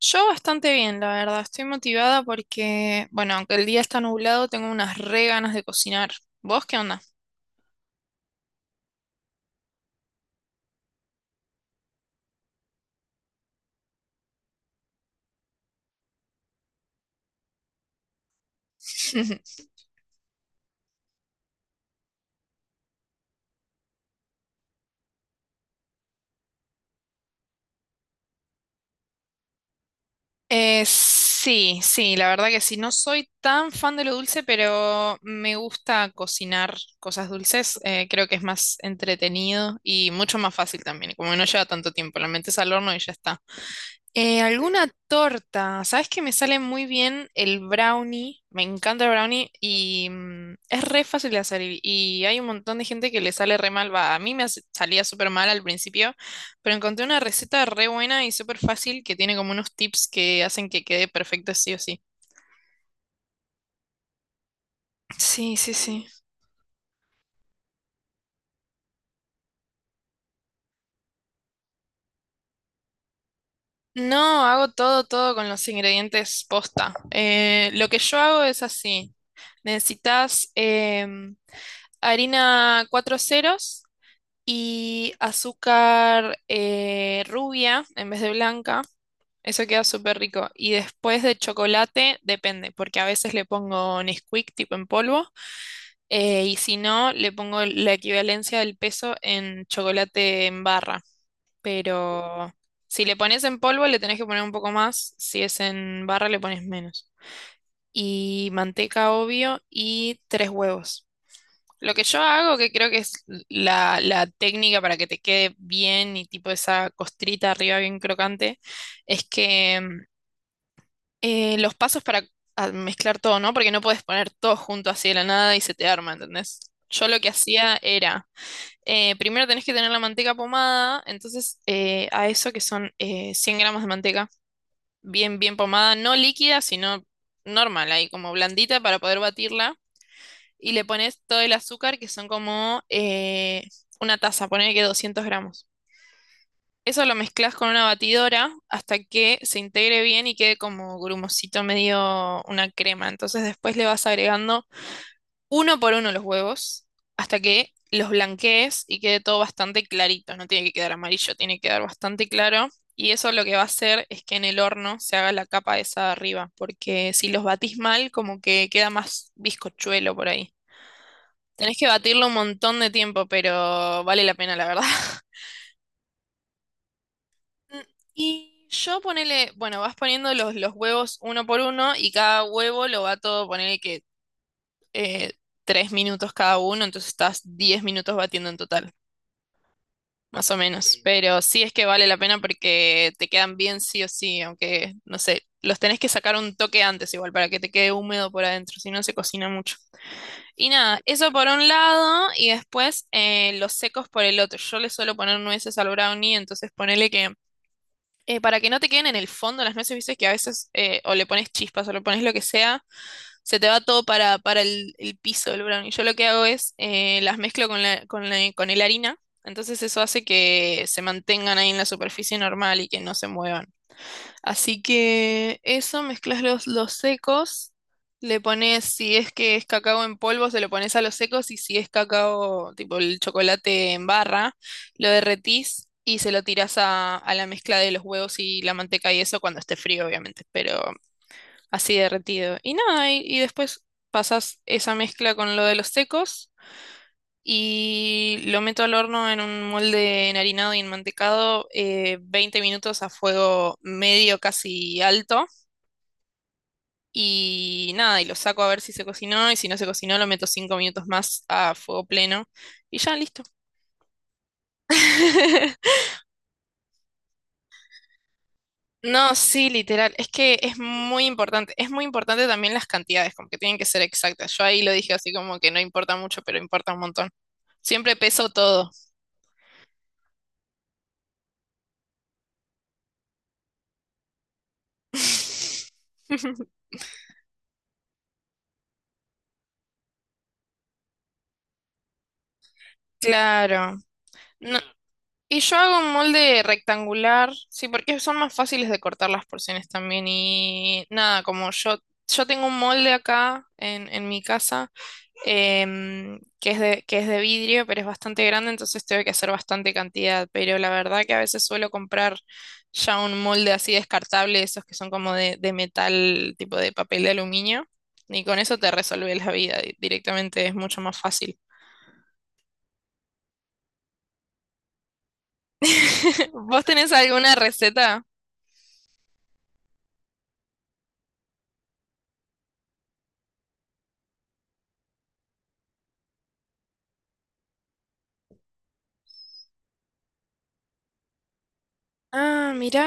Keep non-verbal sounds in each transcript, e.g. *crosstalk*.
Yo bastante bien, la verdad. Estoy motivada porque, bueno, aunque el día está nublado, tengo unas re ganas de cocinar. ¿Vos qué onda? *laughs* Sí, sí, la verdad que sí. No soy tan fan de lo dulce, pero me gusta cocinar cosas dulces. Creo que es más entretenido y mucho más fácil también. Como que no lleva tanto tiempo, la metes al horno y ya está. Alguna torta. Sabes que me sale muy bien el brownie. Me encanta el brownie y es re fácil de hacer. Y hay un montón de gente que le sale re mal. Va, a mí me hace- salía súper mal al principio, pero encontré una receta re buena y súper fácil que tiene como unos tips que hacen que quede perfecto sí o sí. Sí, sí, sí. No, hago todo con los ingredientes posta. Lo que yo hago es así. Necesitas harina cuatro ceros. Y azúcar rubia en vez de blanca. Eso queda súper rico. Y después de chocolate, depende, porque a veces le pongo Nesquik tipo en polvo, y si no, le pongo la equivalencia del peso en chocolate en barra. Pero si le pones en polvo, le tenés que poner un poco más, si es en barra, le pones menos. Y manteca, obvio, y tres huevos. Lo que yo hago, que creo que es la técnica para que te quede bien y tipo esa costrita arriba bien crocante, es que los pasos para mezclar todo, ¿no? Porque no puedes poner todo junto así de la nada y se te arma, ¿entendés? Yo lo que hacía era, primero tenés que tener la manteca pomada, entonces a eso que son 100 gramos de manteca, bien, bien pomada, no líquida, sino normal, ahí como blandita para poder batirla y le pones todo el azúcar, que son como una taza, ponele que 200 gramos. Eso lo mezclas con una batidora hasta que se integre bien y quede como grumosito, medio una crema. Entonces después le vas agregando uno por uno los huevos hasta que los blanquees y quede todo bastante clarito. No tiene que quedar amarillo, tiene que quedar bastante claro. Y eso lo que va a hacer es que en el horno se haga la capa esa de arriba, porque si los batís mal, como que queda más bizcochuelo por ahí. Tenés que batirlo un montón de tiempo, pero vale la pena, la verdad. *laughs* Mm. Y yo ponele, bueno, vas poniendo los huevos uno por uno y cada huevo lo bato, ponele que eh, 3 minutos cada uno, entonces estás 10 minutos batiendo en total, más o menos. Pero sí es que vale la pena porque te quedan bien sí o sí, aunque, no sé, los tenés que sacar un toque antes igual para que te quede húmedo por adentro, si no se cocina mucho. Y nada, eso por un lado y después los secos por el otro. Yo le suelo poner nueces al brownie, entonces ponele que para que no te queden en el fondo las nueces, viste que a veces o le pones chispas o le pones lo que sea, se te va todo para, el piso del brownie. Yo lo que hago es las mezclo con el harina, entonces eso hace que se mantengan ahí en la superficie normal y que no se muevan. Así que eso, mezclas los secos, le pones, si es que es cacao en polvo, se lo pones a los secos y si es cacao, tipo el chocolate en barra, lo derretís y se lo tirás a la mezcla de los huevos y la manteca y eso cuando esté frío, obviamente, pero así derretido. Y nada, y después pasas esa mezcla con lo de los secos. Y lo meto al horno en un molde enharinado y enmantecado 20 minutos a fuego medio casi alto. Y nada, y lo saco a ver si se cocinó y si no se cocinó lo meto 5 minutos más a fuego pleno y ya listo. *laughs* No, sí, literal, es que es muy importante también las cantidades, como que tienen que ser exactas. Yo ahí lo dije así como que no importa mucho, pero importa un montón. Siempre peso todo. *laughs* Claro. No, y yo hago un molde rectangular, sí, porque son más fáciles de cortar las porciones también. Y nada, como yo tengo un molde acá en mi casa, que es de vidrio, pero es bastante grande, entonces tengo que hacer bastante cantidad. Pero la verdad que a veces suelo comprar ya un molde así descartable, esos que son como de metal, tipo de papel de aluminio. Y con eso te resuelve la vida directamente, es mucho más fácil. *laughs* ¿Vos tenés alguna receta? Ah, mira.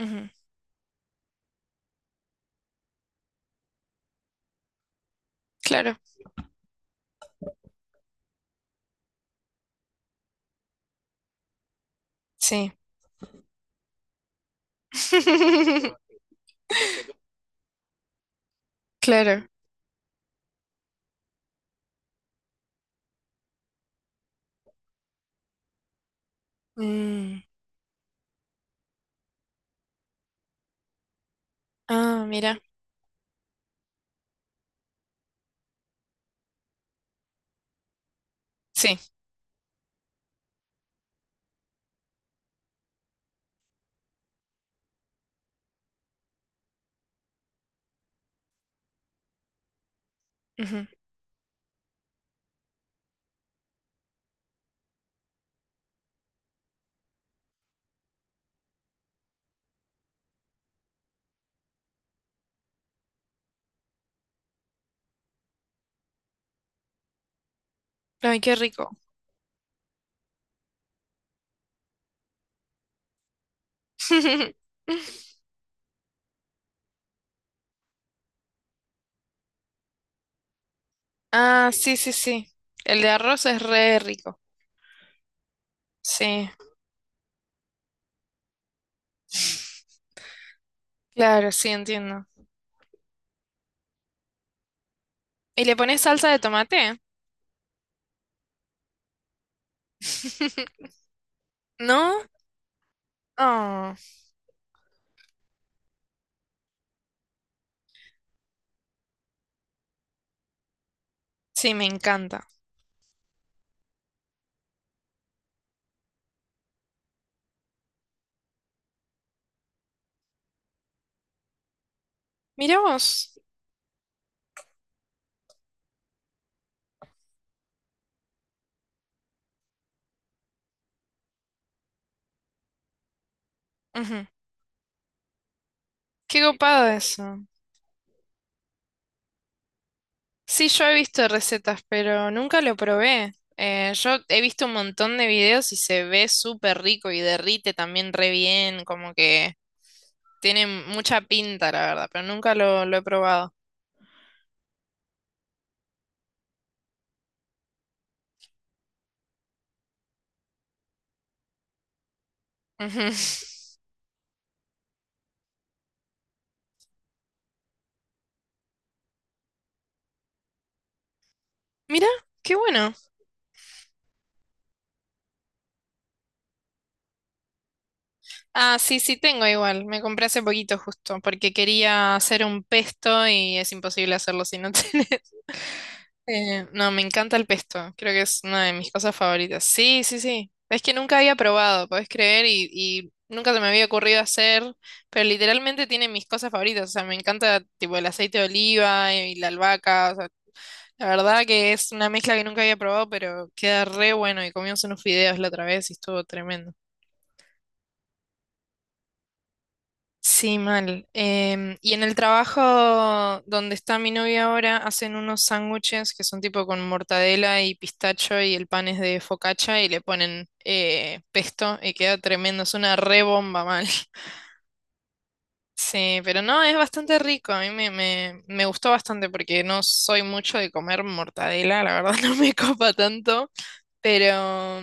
Ujú, claro, sí. *laughs* Claro. Mm. Ah, mira. Sí. Ujú. Ay, qué rico. *laughs* Ah, sí, sí, sí. El de arroz es re rico. Sí. Claro, sí, entiendo. ¿Y le pones salsa de tomate? *laughs* ¿No? Oh, sí, me encanta. Mira vos. Ujú. Qué copado eso. Sí, yo he visto recetas, pero nunca lo probé. Yo he visto un montón de videos y se ve súper rico y derrite también re bien, como que tiene mucha pinta, la verdad, pero nunca lo he probado. Ujú. *laughs* Mira, qué bueno. Ah, sí, sí, tengo igual. Me compré hace poquito justo porque quería hacer un pesto y es imposible hacerlo si no *laughs* tenés. No, me encanta el pesto. Creo que es una de mis cosas favoritas. Sí, sí, sí. Es que nunca había probado, podés creer, y nunca se me había ocurrido hacer, pero literalmente tiene mis cosas favoritas. O sea, me encanta tipo el aceite de oliva y la albahaca. O sea, la verdad que es una mezcla que nunca había probado, pero queda re bueno. Y comimos unos fideos la otra vez y estuvo tremendo. Sí, mal. Y en el trabajo donde está mi novia ahora, hacen unos sándwiches que son tipo con mortadela y pistacho y el pan es de focaccia y le ponen pesto y queda tremendo. Es una re bomba mal. *laughs* Sí, pero no, es bastante rico. A mí me gustó bastante porque no soy mucho de comer mortadela, la verdad *laughs* no me copa tanto, pero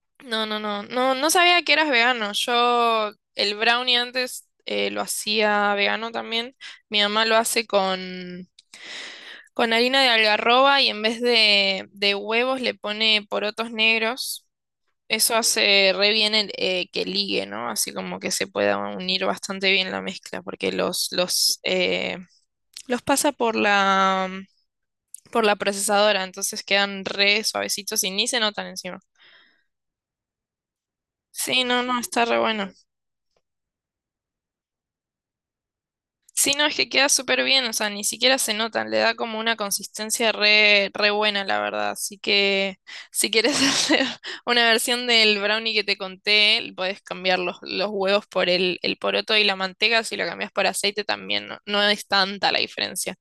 no, no, no, no, no sabía que eras vegano. Yo el brownie antes lo hacía vegano también. Mi mamá lo hace con harina de algarroba y en vez de huevos le pone porotos negros. Eso hace re bien que ligue, ¿no? Así como que se pueda unir bastante bien la mezcla porque los pasa por la procesadora, entonces quedan re suavecitos y ni se notan encima. Sí, no, no, está re bueno. Sí, no, es que queda súper bien, o sea, ni siquiera se notan, le da como una consistencia re, re buena, la verdad. Así que si quieres *laughs* hacer una versión del brownie que te conté, puedes cambiar los huevos por el poroto y la manteca, si lo cambias por aceite también, no, no es tanta la diferencia.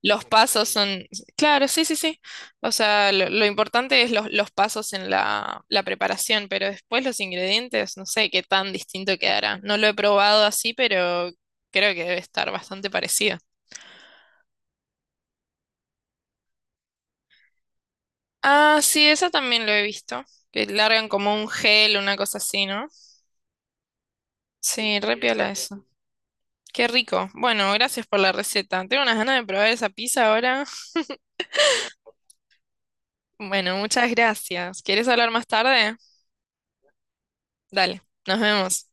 Los pasos son, claro, sí, sí, sí. O sea, lo importante es los pasos en la preparación, pero después los ingredientes, no sé qué tan distinto quedará. No lo he probado así, pero creo que debe estar bastante parecido. Ah, sí, esa también lo he visto. Que largan como un gel, una cosa así, ¿no? Sí, re piola eso. Qué rico. Bueno, gracias por la receta. Tengo unas ganas de probar esa pizza ahora. Bueno, muchas gracias. ¿Quieres hablar más tarde? Dale, nos vemos.